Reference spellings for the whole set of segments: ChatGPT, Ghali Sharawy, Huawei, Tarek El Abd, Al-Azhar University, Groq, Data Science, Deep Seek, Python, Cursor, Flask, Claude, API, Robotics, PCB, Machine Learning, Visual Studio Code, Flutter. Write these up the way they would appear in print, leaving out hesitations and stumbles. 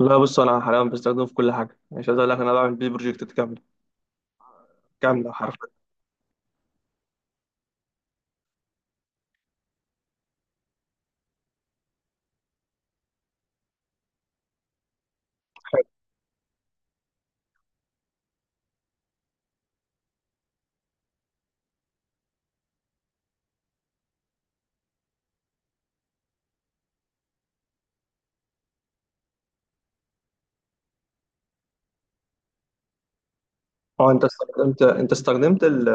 لا، بص انا حاليا بستخدمه في كل حاجه. يعني مش عايز اقول لك، انا بعمل بيه بروجكتات كامله، كامله حرفيا. انت استخدمت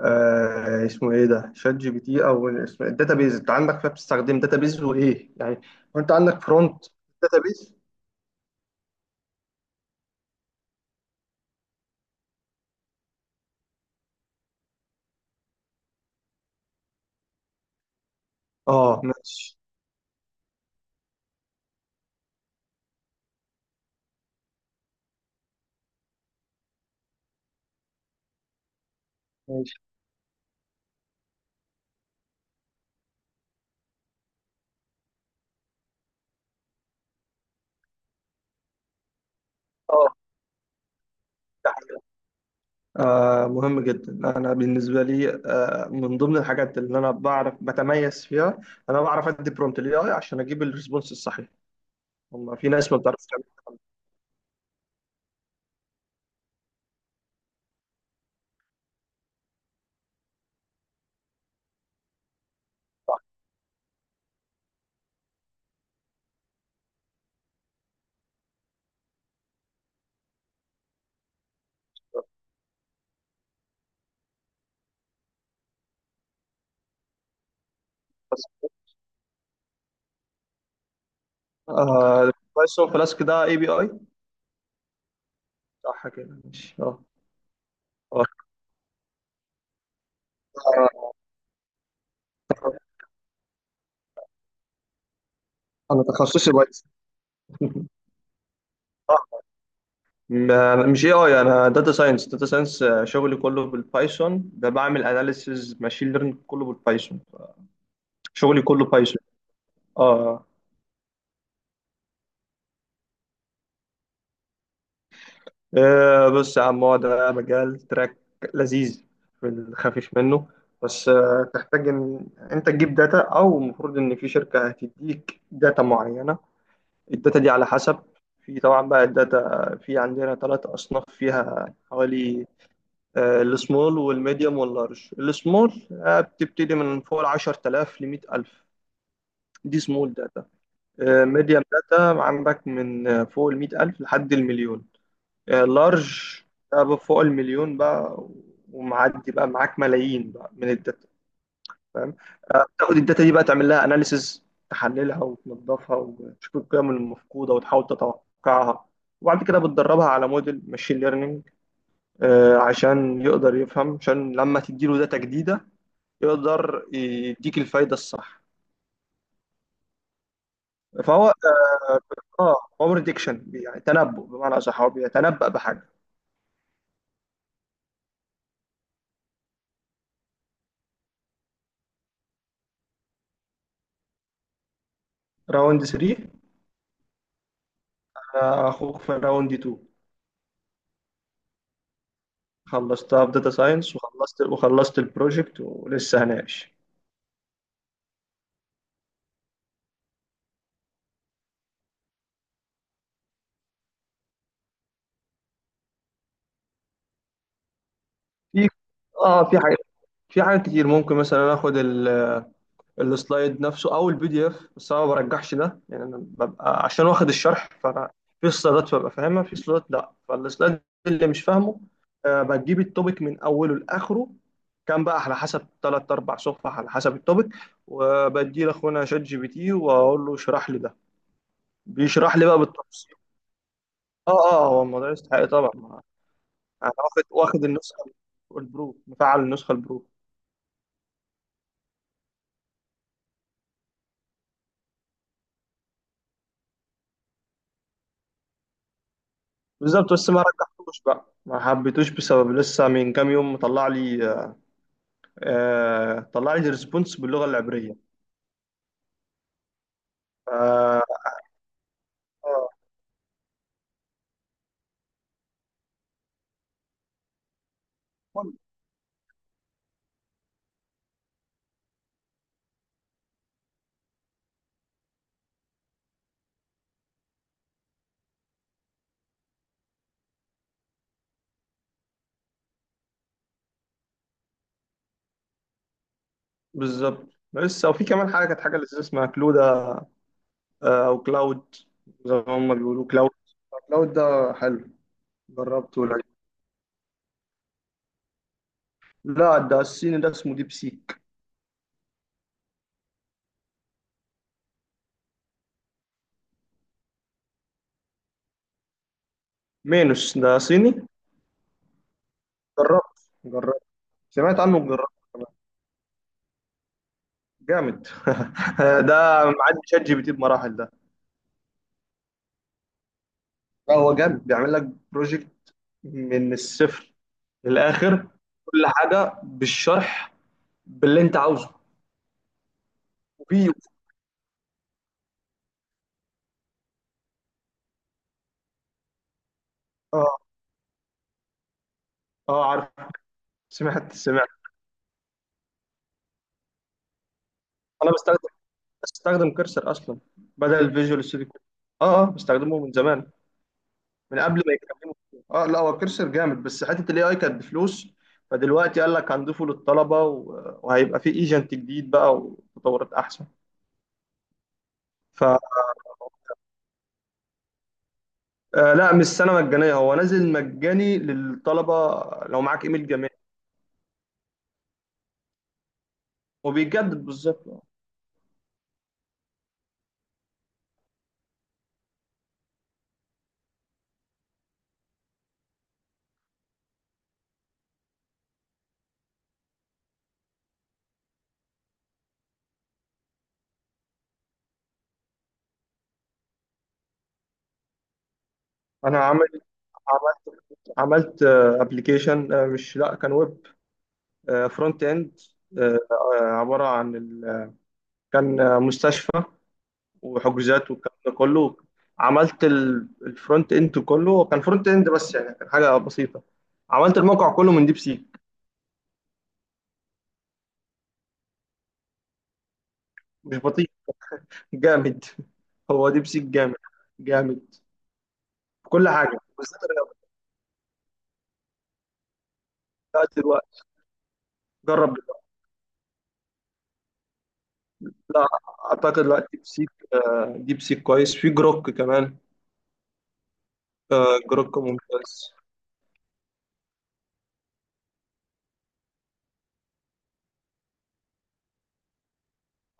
اسمه ايه ده، شات جي بي تي؟ او اسمه الداتابيز؟ انت عندك فيها بتستخدم داتابيز وايه يعني؟ وانت عندك فرونت داتابيز؟ اه، ماشي ماشي، اه. ده حاجة. مهم جدا. انا بالنسبه لي من ضمن الحاجات اللي انا بعرف بتميز فيها، انا بعرف ادي برومبت للاي اي عشان اجيب الريسبونس الصحيح. هم في ناس ما بتعرفش تعمل. بايثون فلاسك ده اي بي اي؟ صح كده، ماشي، اه. آه، آه، انا تخصصي بايثون. اه، مش اي اي، انا داتا ساينس. داتا ساينس شغلي كله بالبايثون، ده بعمل اناليسيز ماشين ليرنينج كله بالبايثون. شغلي كله بايثون. اه. بص يا عم، هو ده مجال تراك لذيذ في الخفيف منه. بس تحتاج ان انت تجيب داتا، او المفروض ان في شركة هتديك داتا معينة. الداتا دي على حسب. في طبعا بقى الداتا في عندنا ثلاث أصناف فيها حوالي، السمول والميديوم واللارج. السمول بتبتدي من فوق ال 10000 ل 100000، دي سمول داتا. ميديوم داتا عندك من فوق ال 100000 لحد المليون. لارج فوق المليون بقى، ومعدي بقى معاك ملايين بقى من الداتا، فاهم؟ تاخد الداتا دي بقى، تعمل لها اناليسز، تحللها وتنظفها وتشوف القيم المفقوده وتحاول تتوقعها، وبعد كده بتدربها على موديل ماشين ليرنينج عشان يقدر يفهم، عشان لما تديله داتا جديده يقدر يديك الفايده الصح. فهو آه، هو بريدكشن، يعني تنبؤ بمعنى اصح، هو بيتنبأ بحاجه. راوند 3. اخوك في راوند 2، خلصتها في داتا ساينس، وخلصت البروجكت ولسه هناقش. في اه في حاجه في حاجات كتير. ممكن مثلا اخد السلايد نفسه او البي دي اف، بس انا ما برجحش ده. يعني انا ببقى عشان واخد الشرح، فانا في سلايدات ببقى فاهمها، في سلايدات لا. فالسلايد اللي مش فاهمه، بجيب التوبيك من اوله لاخره، كان بقى على حسب ثلاث اربع صفح على حسب التوبيك، وبدي لاخونا شات جي بي تي واقول له اشرح لي ده. بيشرح لي بقى بالتفصيل. اه اه، هو الموضوع يستحق طبعا. انا واخد النسخه البرو، مفعل النسخه البرو، بالظبط. بس ما رجحتوش بقى، ما حبيتوش، بسبب لسه من كام يوم طلع لي ريسبونس باللغه العبريه. ف- آه بالظبط. لسه. وفي كمان حاجه، كانت حاجه لذيذه اسمها كلودا، او كلاود، زي ما هم بيقولوا كلاود. كلاود ده حلو، جربته ولا؟ لا، ده الصيني، ده اسمه ديب سيك. مينوس ده صيني. جربت جربت، سمعت عنه، جربت كمان. جامد. ده معدي شات جي بي تي بمراحل. لا، هو جامد، بيعمل لك بروجكت من الصفر للاخر، كل حاجه بالشرح، باللي انت عاوزه. وفي، اه اه، عارف. سمعت. انا بستخدم كرسر اصلا، بدل الفيجوال ستوديو كود. اه اه، بستخدمه من زمان، من قبل ما يتكلموا فيه. اه، لا هو كرسر جامد، بس حته الاي اي كانت بفلوس، فدلوقتي قال لك هنضيفه للطلبه، وهيبقى في ايجنت جديد بقى وتطورات احسن. آه، لا مش سنة مجانية، هو نازل مجاني للطلبة لو معاك ايميل جامعي. وبيجدد بالظبط. انا عملت عملت ابلكيشن، مش، لا، كان ويب فرونت اند، عبارة عن كان مستشفى وحجوزات والكلام ده كله. عملت الفرونت اند كله، كان فرونت اند بس، يعني كان حاجة بسيطة. عملت الموقع كله من ديب سيك. مش بطيء، جامد. هو ديب سيك جامد. جامد في كل حاجة بالذات الرياضة. لا، دلوقتي جرب. لا، اعتقد لا. ديب سيك كويس. في جروك كمان، جروك ممتاز.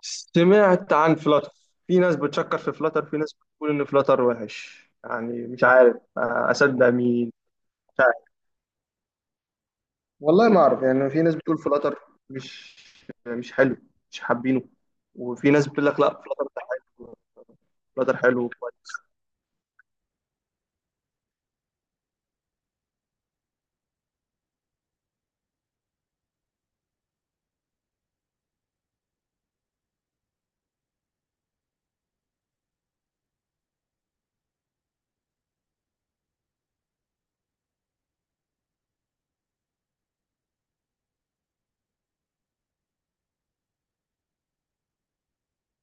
سمعت عن فلاتر. في ناس بتشكر في فلاتر، في ناس بتقول ان فلاتر وحش. يعني مش عارف اصدق مين. مش عارف، والله ما اعرف. يعني في ناس بتقول فلاتر مش مش حلو، مش حابينه. وفي ناس بتقول لك لا، فلاتر ده حلو. فلاتر حلو كويس،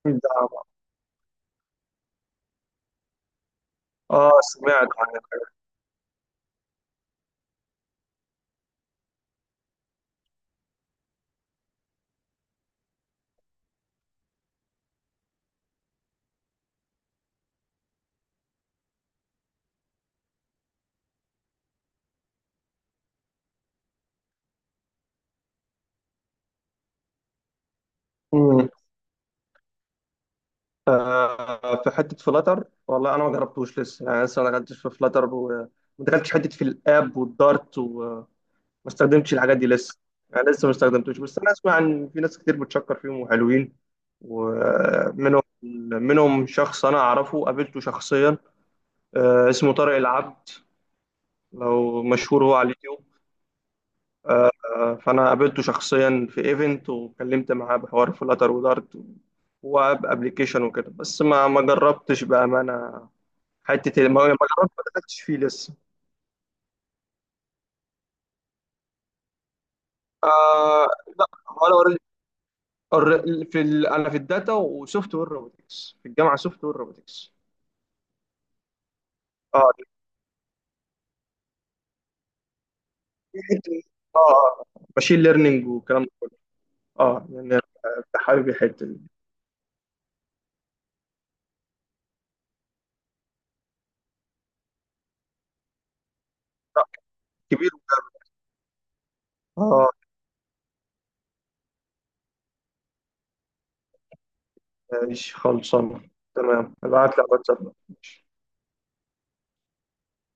ده. اه، سمعت عنه. في حته فلاتر، والله انا ما جربتوش لسه. يعني لسه ما دخلتش في فلاتر، وما دخلتش حته في الاب والدارت، وما استخدمتش الحاجات دي لسه. يعني لسه ما استخدمتوش. بس انا اسمع ان في ناس كتير بتشكر فيهم وحلوين. ومنهم شخص انا اعرفه، قابلته شخصيا. اسمه طارق العبد، لو مشهور هو على اليوتيوب. آه، فانا قابلته شخصيا في ايفنت، وكلمت معاه بحوار فلاتر ودارت واب ابلكيشن وكده. بس ما جربتش بامانه حته، ما هو ما دخلتش فيه لسه. آه، لا، ولا اوريدي. انا في الداتا وسوفت وير روبوتكس في الجامعه، سوفت وير روبوتكس. اه، دي حته، اه، ماشين ليرنينج والكلام ده كله. اه، يعني أنت حابب الحته دي. لا، كبير. اه، ماشي، خلصانه تمام، ابعت لك واتساب.